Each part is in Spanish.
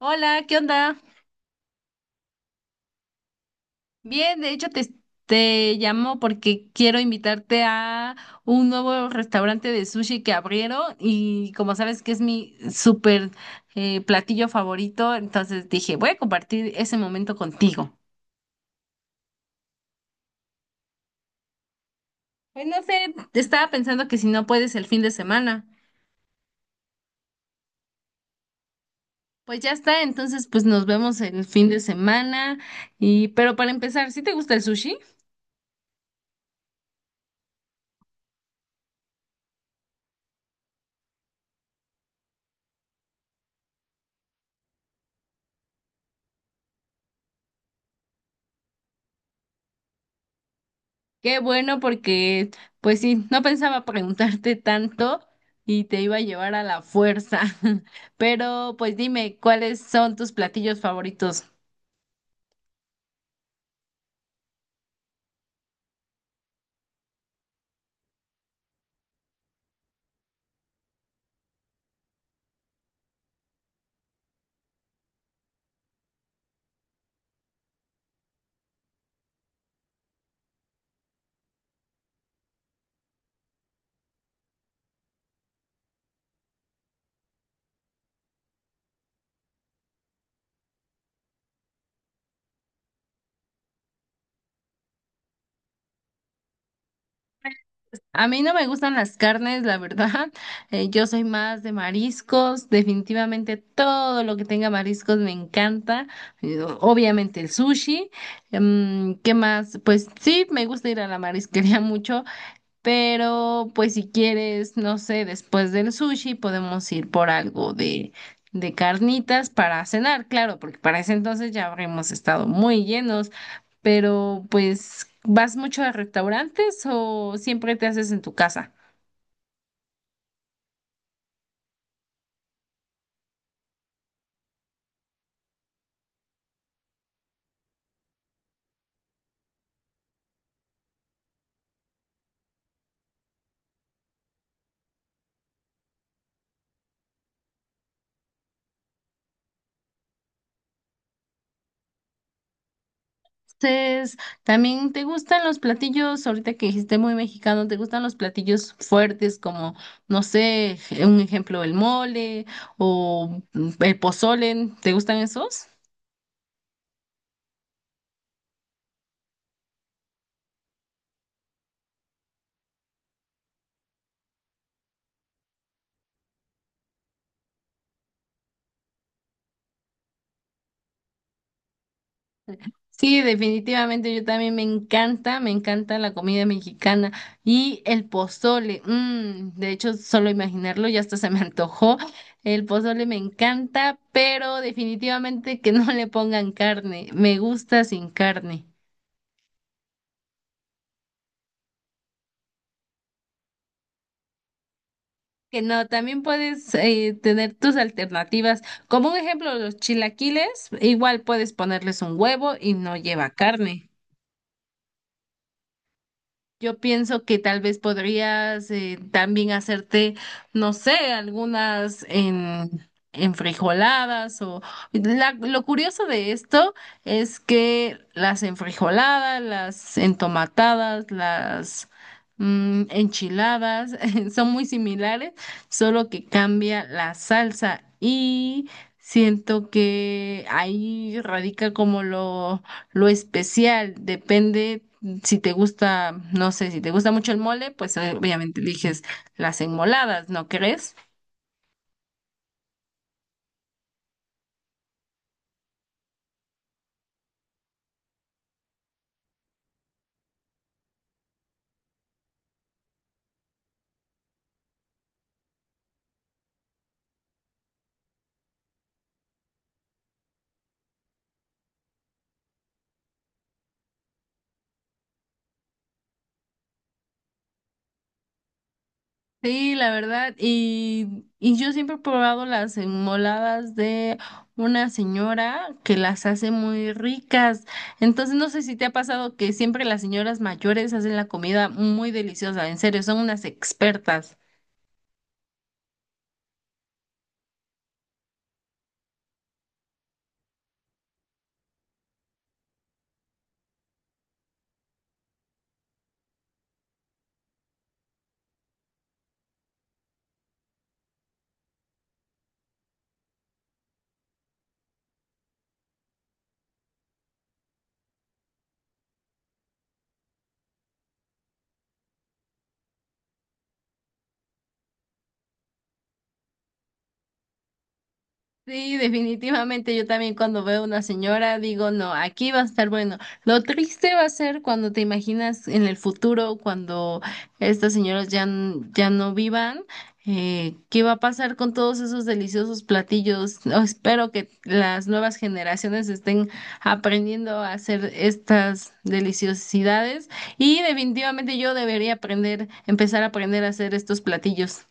Hola, ¿qué onda? Bien, de hecho te llamo porque quiero invitarte a un nuevo restaurante de sushi que abrieron y como sabes que es mi súper platillo favorito, entonces dije, voy a compartir ese momento contigo. Pues no sé, estaba pensando que si no puedes el fin de semana. Pues ya está, entonces pues nos vemos el fin de semana y pero para empezar, ¿sí te gusta el sushi? Qué bueno porque, pues sí, no pensaba preguntarte tanto y te iba a llevar a la fuerza. Pero, pues dime, ¿cuáles son tus platillos favoritos? A mí no me gustan las carnes, la verdad. Yo soy más de mariscos. Definitivamente todo lo que tenga mariscos me encanta. Obviamente el sushi. Mm, ¿qué más? Pues sí, me gusta ir a la marisquería mucho. Pero, pues si quieres, no sé, después del sushi podemos ir por algo de carnitas para cenar, claro, porque para ese entonces ya habremos estado muy llenos. Pero, pues, ¿vas mucho a restaurantes o siempre te haces en tu casa? Entonces, ¿también te gustan los platillos, ahorita que dijiste muy mexicano, te gustan los platillos fuertes como, no sé, un ejemplo, el mole o el pozole? ¿Te gustan esos? Sí, definitivamente yo también me encanta la comida mexicana y el pozole. Mm, de hecho, solo imaginarlo ya hasta se me antojó. El pozole me encanta, pero definitivamente que no le pongan carne. Me gusta sin carne. Que no, también puedes tener tus alternativas. Como un ejemplo, los chilaquiles, igual puedes ponerles un huevo y no lleva carne. Yo pienso que tal vez podrías también hacerte, no sé, algunas en frijoladas o lo curioso de esto es que las enfrijoladas, las entomatadas, las enchiladas son muy similares, solo que cambia la salsa y siento que ahí radica como lo especial depende si te gusta, no sé, si te gusta mucho el mole, pues obviamente eliges las enmoladas, ¿no crees? Sí, la verdad, y yo siempre he probado las enmoladas de una señora que las hace muy ricas. Entonces, no sé si te ha pasado que siempre las señoras mayores hacen la comida muy deliciosa, en serio, son unas expertas. Sí, definitivamente yo también cuando veo una señora digo, no, aquí va a estar bueno. Lo triste va a ser cuando te imaginas en el futuro, cuando estas señoras ya, ya no vivan, ¿qué va a pasar con todos esos deliciosos platillos? No, espero que las nuevas generaciones estén aprendiendo a hacer estas deliciosidades y definitivamente yo debería aprender, empezar a aprender a hacer estos platillos.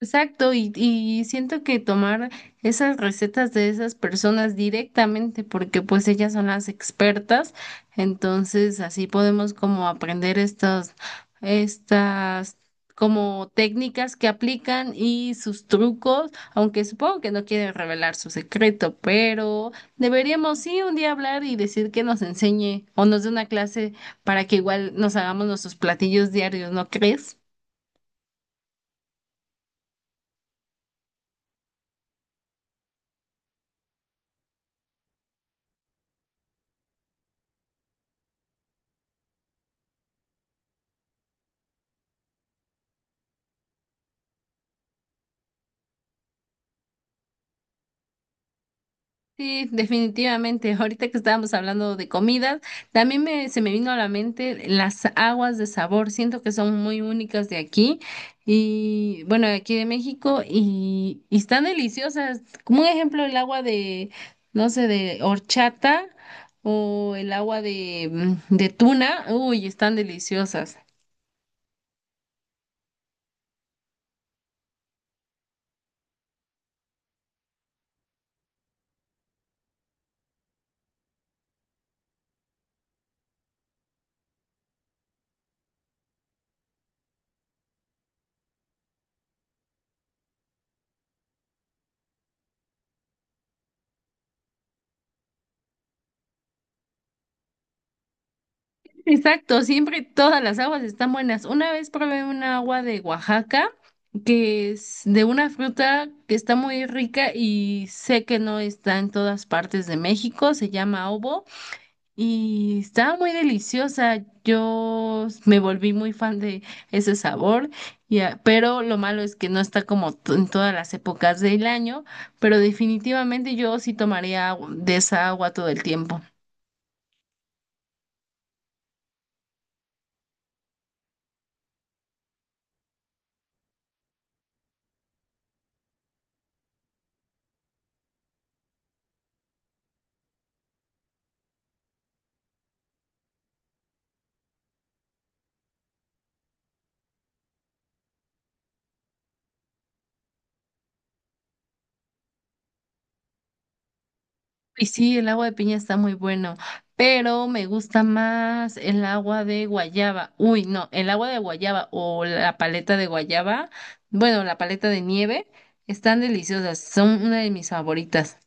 Exacto, y siento que tomar esas recetas de esas personas directamente, porque pues ellas son las expertas, entonces así podemos como aprender estas como técnicas que aplican y sus trucos, aunque supongo que no quieren revelar su secreto, pero deberíamos sí un día hablar y decir que nos enseñe o nos dé una clase para que igual nos hagamos nuestros platillos diarios, ¿no crees? Sí, definitivamente. Ahorita que estábamos hablando de comidas, también se me vino a la mente las aguas de sabor. Siento que son muy únicas de aquí y bueno, de aquí de México y están deliciosas. Como un ejemplo, el agua de, no sé, de horchata o el agua de, mm, de tuna. Uy, están deliciosas. Exacto, siempre todas las aguas están buenas. Una vez probé una agua de Oaxaca que es de una fruta que está muy rica y sé que no está en todas partes de México, se llama obo y estaba muy deliciosa. Yo me volví muy fan de ese sabor, y pero lo malo es que no está como en todas las épocas del año, pero definitivamente yo sí tomaría de esa agua todo el tiempo. Y sí, el agua de piña está muy bueno, pero me gusta más el agua de guayaba. Uy, no, el agua de guayaba o la paleta de guayaba, bueno, la paleta de nieve, están deliciosas, son una de mis favoritas.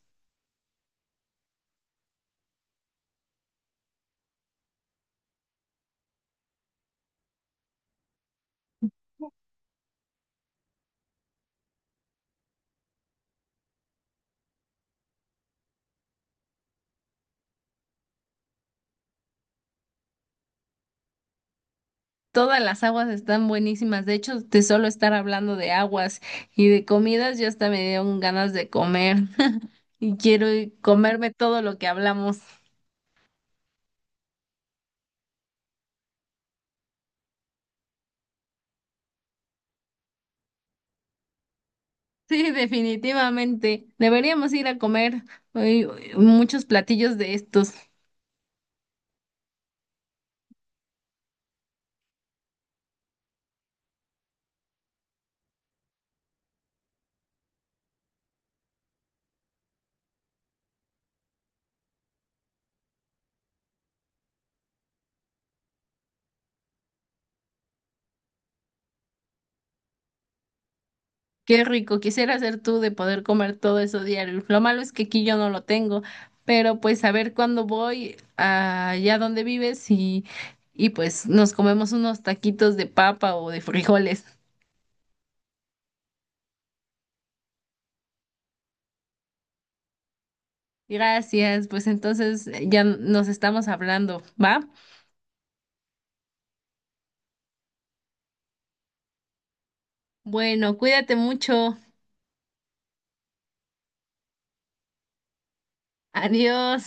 Todas las aguas están buenísimas. De hecho, de solo estar hablando de aguas y de comidas, ya hasta me dieron ganas de comer y quiero comerme todo lo que hablamos. Sí, definitivamente. Deberíamos ir a comer eh, muchos platillos de estos. Qué rico, quisiera ser tú de poder comer todo eso diario. Lo malo es que aquí yo no lo tengo, pero pues a ver cuándo voy allá donde vives y pues nos comemos unos taquitos de papa o de frijoles. Gracias, pues entonces ya nos estamos hablando, ¿va? Bueno, cuídate mucho. Adiós.